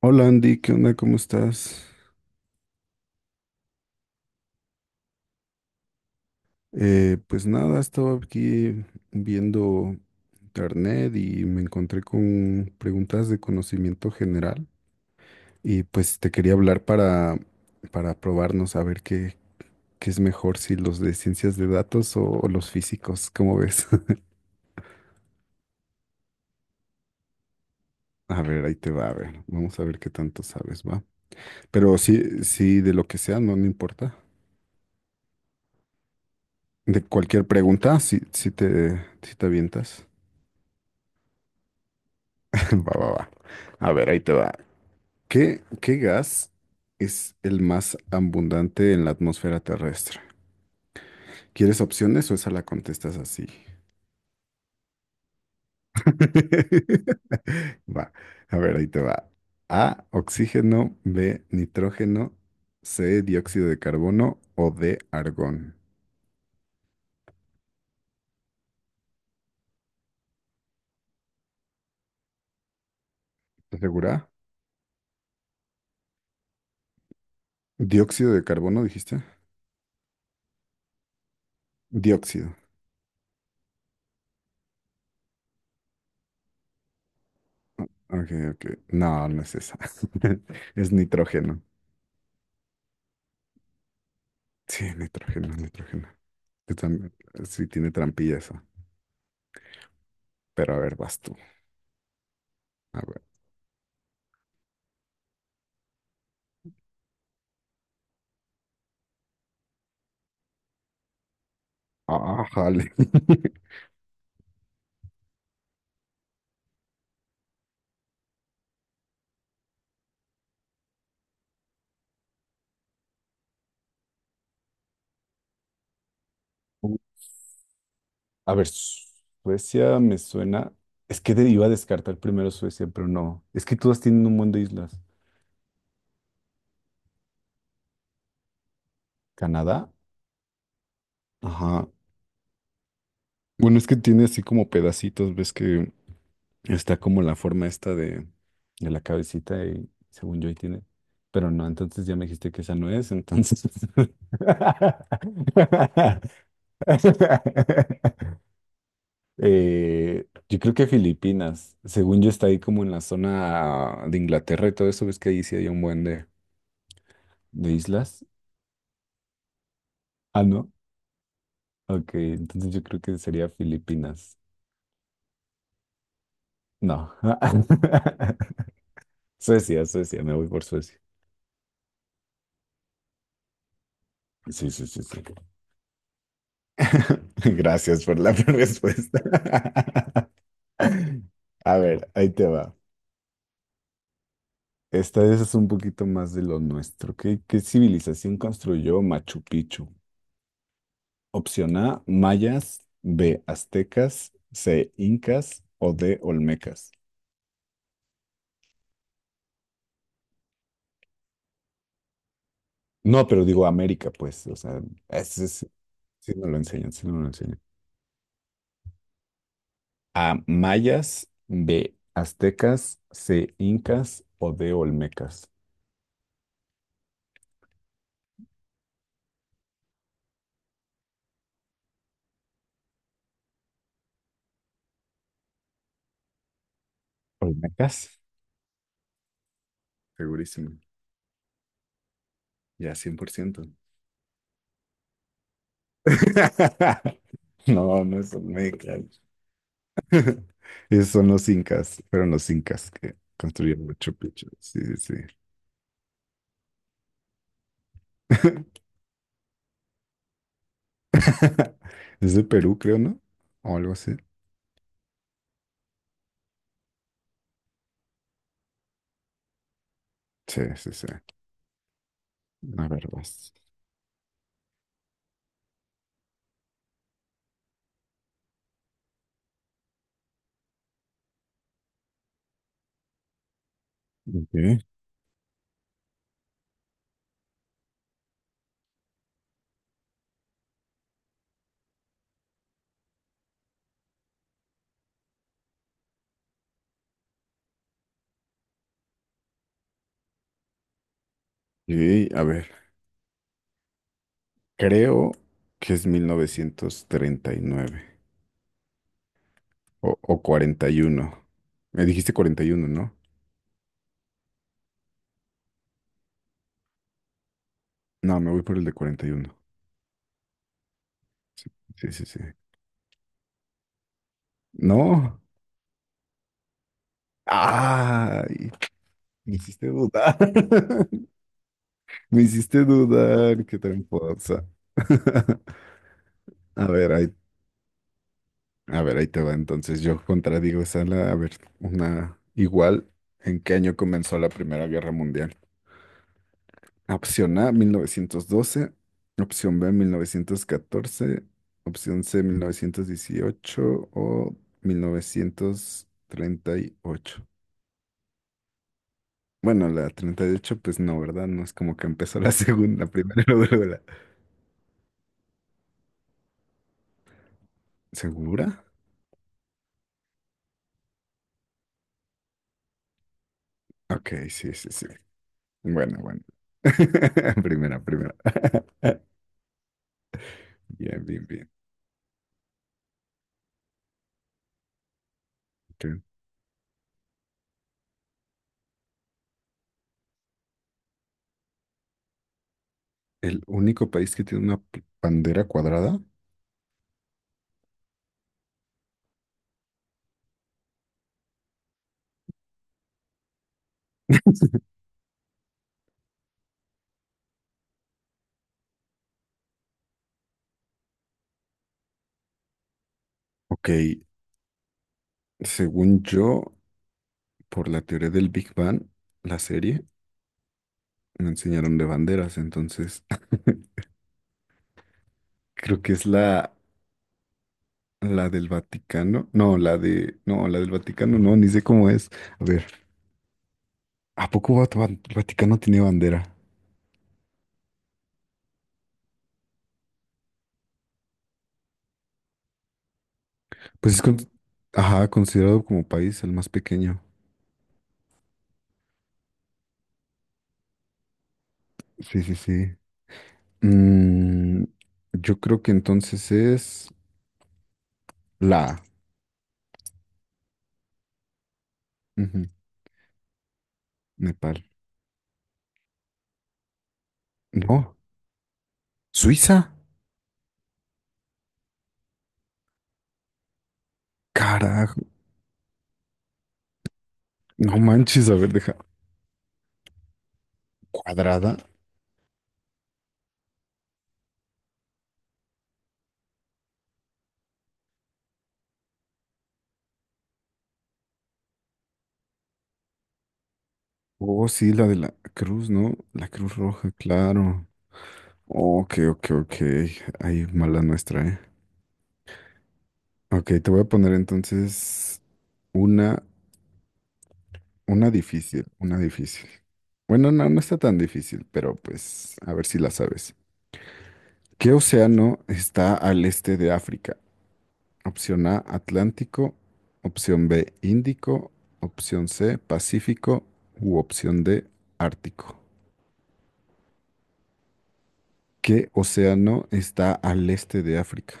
Hola Andy, ¿qué onda? ¿Cómo estás? Pues nada, estaba aquí viendo internet y me encontré con preguntas de conocimiento general y pues te quería hablar para probarnos a ver qué es mejor, si los de ciencias de datos o los físicos, ¿cómo ves? A ver, ahí te va, a ver, vamos a ver qué tanto sabes, ¿va? Pero sí, sí, de lo que sea, no, no importa. De cualquier pregunta, si si te avientas. Va, va, va. A ver, ahí te va. ¿ qué gas es el más abundante en la atmósfera terrestre? ¿Quieres opciones o esa la contestas así? Va, a ver, ahí te va. A, oxígeno, B, nitrógeno, C, dióxido de carbono o D, argón. ¿Estás segura? ¿Dióxido de carbono dijiste? Dióxido. Ok, ok. No, no es esa. Es nitrógeno. Sí, nitrógeno, nitrógeno. Yo también- Sí, tiene trampilla eso. Pero a ver, vas tú. A ver. Ah, jale. A ver, Suecia me suena. Es que de- iba a descartar primero Suecia, pero no. Es que todas tienen un montón de islas. ¿Canadá? Ajá. Bueno, es que tiene así como pedacitos, ves que está como la forma esta de la cabecita y según yo ahí tiene. Pero no, entonces ya me dijiste que esa no es, entonces. Yo creo que Filipinas, según yo está ahí como en la zona de Inglaterra y todo eso, ves que ahí sí hay un buen de islas. Ah, no. Ok, entonces yo creo que sería Filipinas. No. Suecia, Suecia, me voy por Suecia. Sí, sí, sí, sí. Gracias por la respuesta. A ver, ahí te va. Esta vez es un poquito más de lo nuestro. ¿ qué civilización construyó Machu Picchu? Opción A, mayas, B, aztecas, C, incas o D, olmecas. No, pero digo América, pues, o sea, ese sí, sí nos lo enseñan, sí nos lo enseñan. A, mayas, B, aztecas, C, incas o D, olmecas. ¿Olmecas? Segurísimo, ya cien por ciento. No, no es olmeca. Esos son los incas, fueron los incas que construyeron Machu Picchu. Sí, sí, sí. Es de Perú, creo, ¿no? O algo así. Sí, sí, sí. A ver, vas. Ok. Y, a ver, creo que es 1939 o 41. Me dijiste 41, ¿no? No, me voy por el de 41. Sí, sí, sí. No. Ay, me hiciste dudar. Me hiciste dudar. Qué tramposa. A ver, ahí A ver, ahí te va. Entonces yo contradigo esa. La- A ver, una igual. ¿En qué año comenzó la Primera Guerra Mundial? Opción A, 1912. Opción B, 1914. Opción C, 1918 o 1938. Bueno, la 38, pues no, ¿verdad? No es como que empezó la segunda, la primera y luego luego la... ¿Segura? Ok, sí, sí, sí. Bueno, bueno. Primera, primera. Bien, bien, bien. Ok. El único país que tiene una p- bandera cuadrada. Ok, según yo, por la teoría del Big Bang, la serie, me enseñaron de banderas, entonces creo que es la del Vaticano. No, la de... No, la del Vaticano, no, ni sé cómo es. A ver, ¿a poco Vat- Van- Vaticano tiene bandera? Pues es con- ajá, considerado como país el más pequeño. Sí, sí, sí. Mm, yo creo que entonces es la... A. Ujú, Nepal. No. Suiza. Carajo. No manches, a ver, deja. Cuadrada. Oh, sí, la de la cruz, ¿no? La cruz roja, claro. Ok, ok, ok. Ahí mala nuestra, ¿eh? Ok, te voy a poner entonces una, una difícil, una difícil. Bueno, no, no está tan difícil, pero pues a ver si la sabes. ¿Qué océano está al este de África? Opción A, Atlántico. Opción B, Índico. Opción C, Pacífico. U opción D, Ártico. ¿Qué océano está al este de África?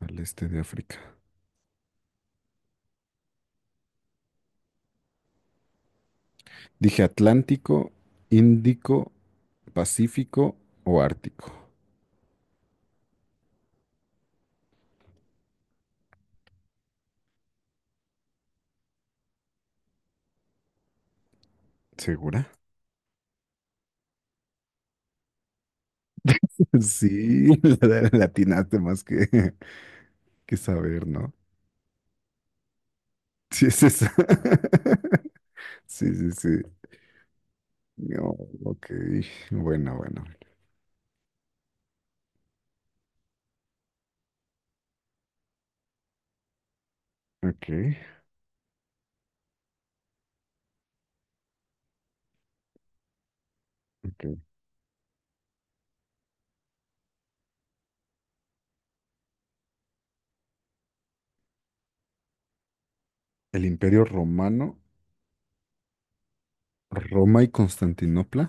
Al este de África. Dije Atlántico, Índico, Pacífico o Ártico. ¿Segura? Sí, la la atinaste más que saber, ¿no? Sí, es esa. Sí, sí, sí. No, ok. Bueno, bueno. Ok, ok. El Imperio Romano, Roma y Constantinopla.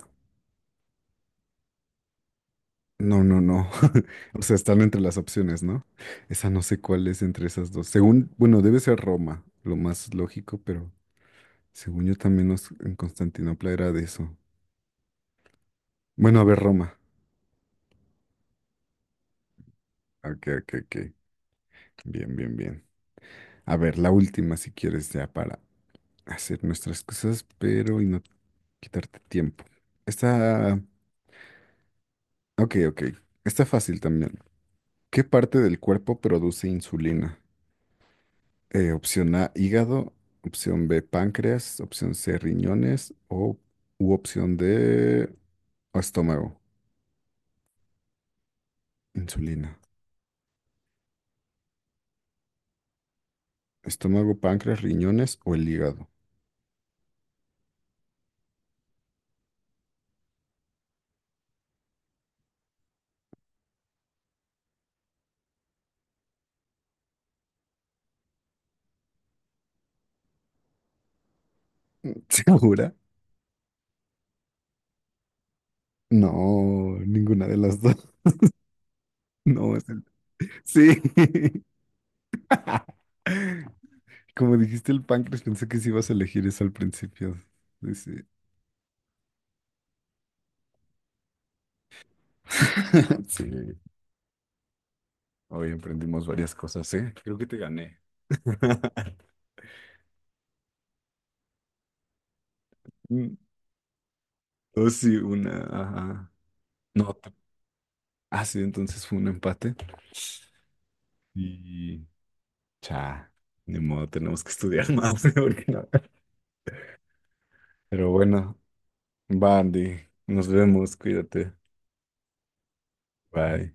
No, no, no. O sea, están entre las opciones, ¿no? Esa no sé cuál es entre esas dos. Según, bueno, debe ser Roma, lo más lógico, pero según yo también nos- en Constantinopla era de eso. Bueno, a ver, Roma. Ok, ok, ok. Bien, bien, bien. A ver, la última, si quieres, ya para hacer nuestras cosas, pero y no quitarte tiempo. Está, ok, ok. Está fácil también. ¿Qué parte del cuerpo produce insulina? Opción A, hígado. Opción B, páncreas. Opción C, riñones. O u opción D, estómago. Insulina. Estómago, páncreas, riñones o el hígado. ¿Segura? No, ninguna de las dos. No, es el... Sí. Como dijiste el páncreas, pensé que sí ibas a elegir eso al principio. Sí, sí. Sí. Hoy aprendimos varias cosas, ¿eh? Creo que te gané. Mm, oh, sí, una. Ajá. No, ah, sí, entonces fue un empate y cha, ni modo, tenemos que estudiar más porque no. Pero bueno, va, Andy, nos vemos, cuídate. Bye.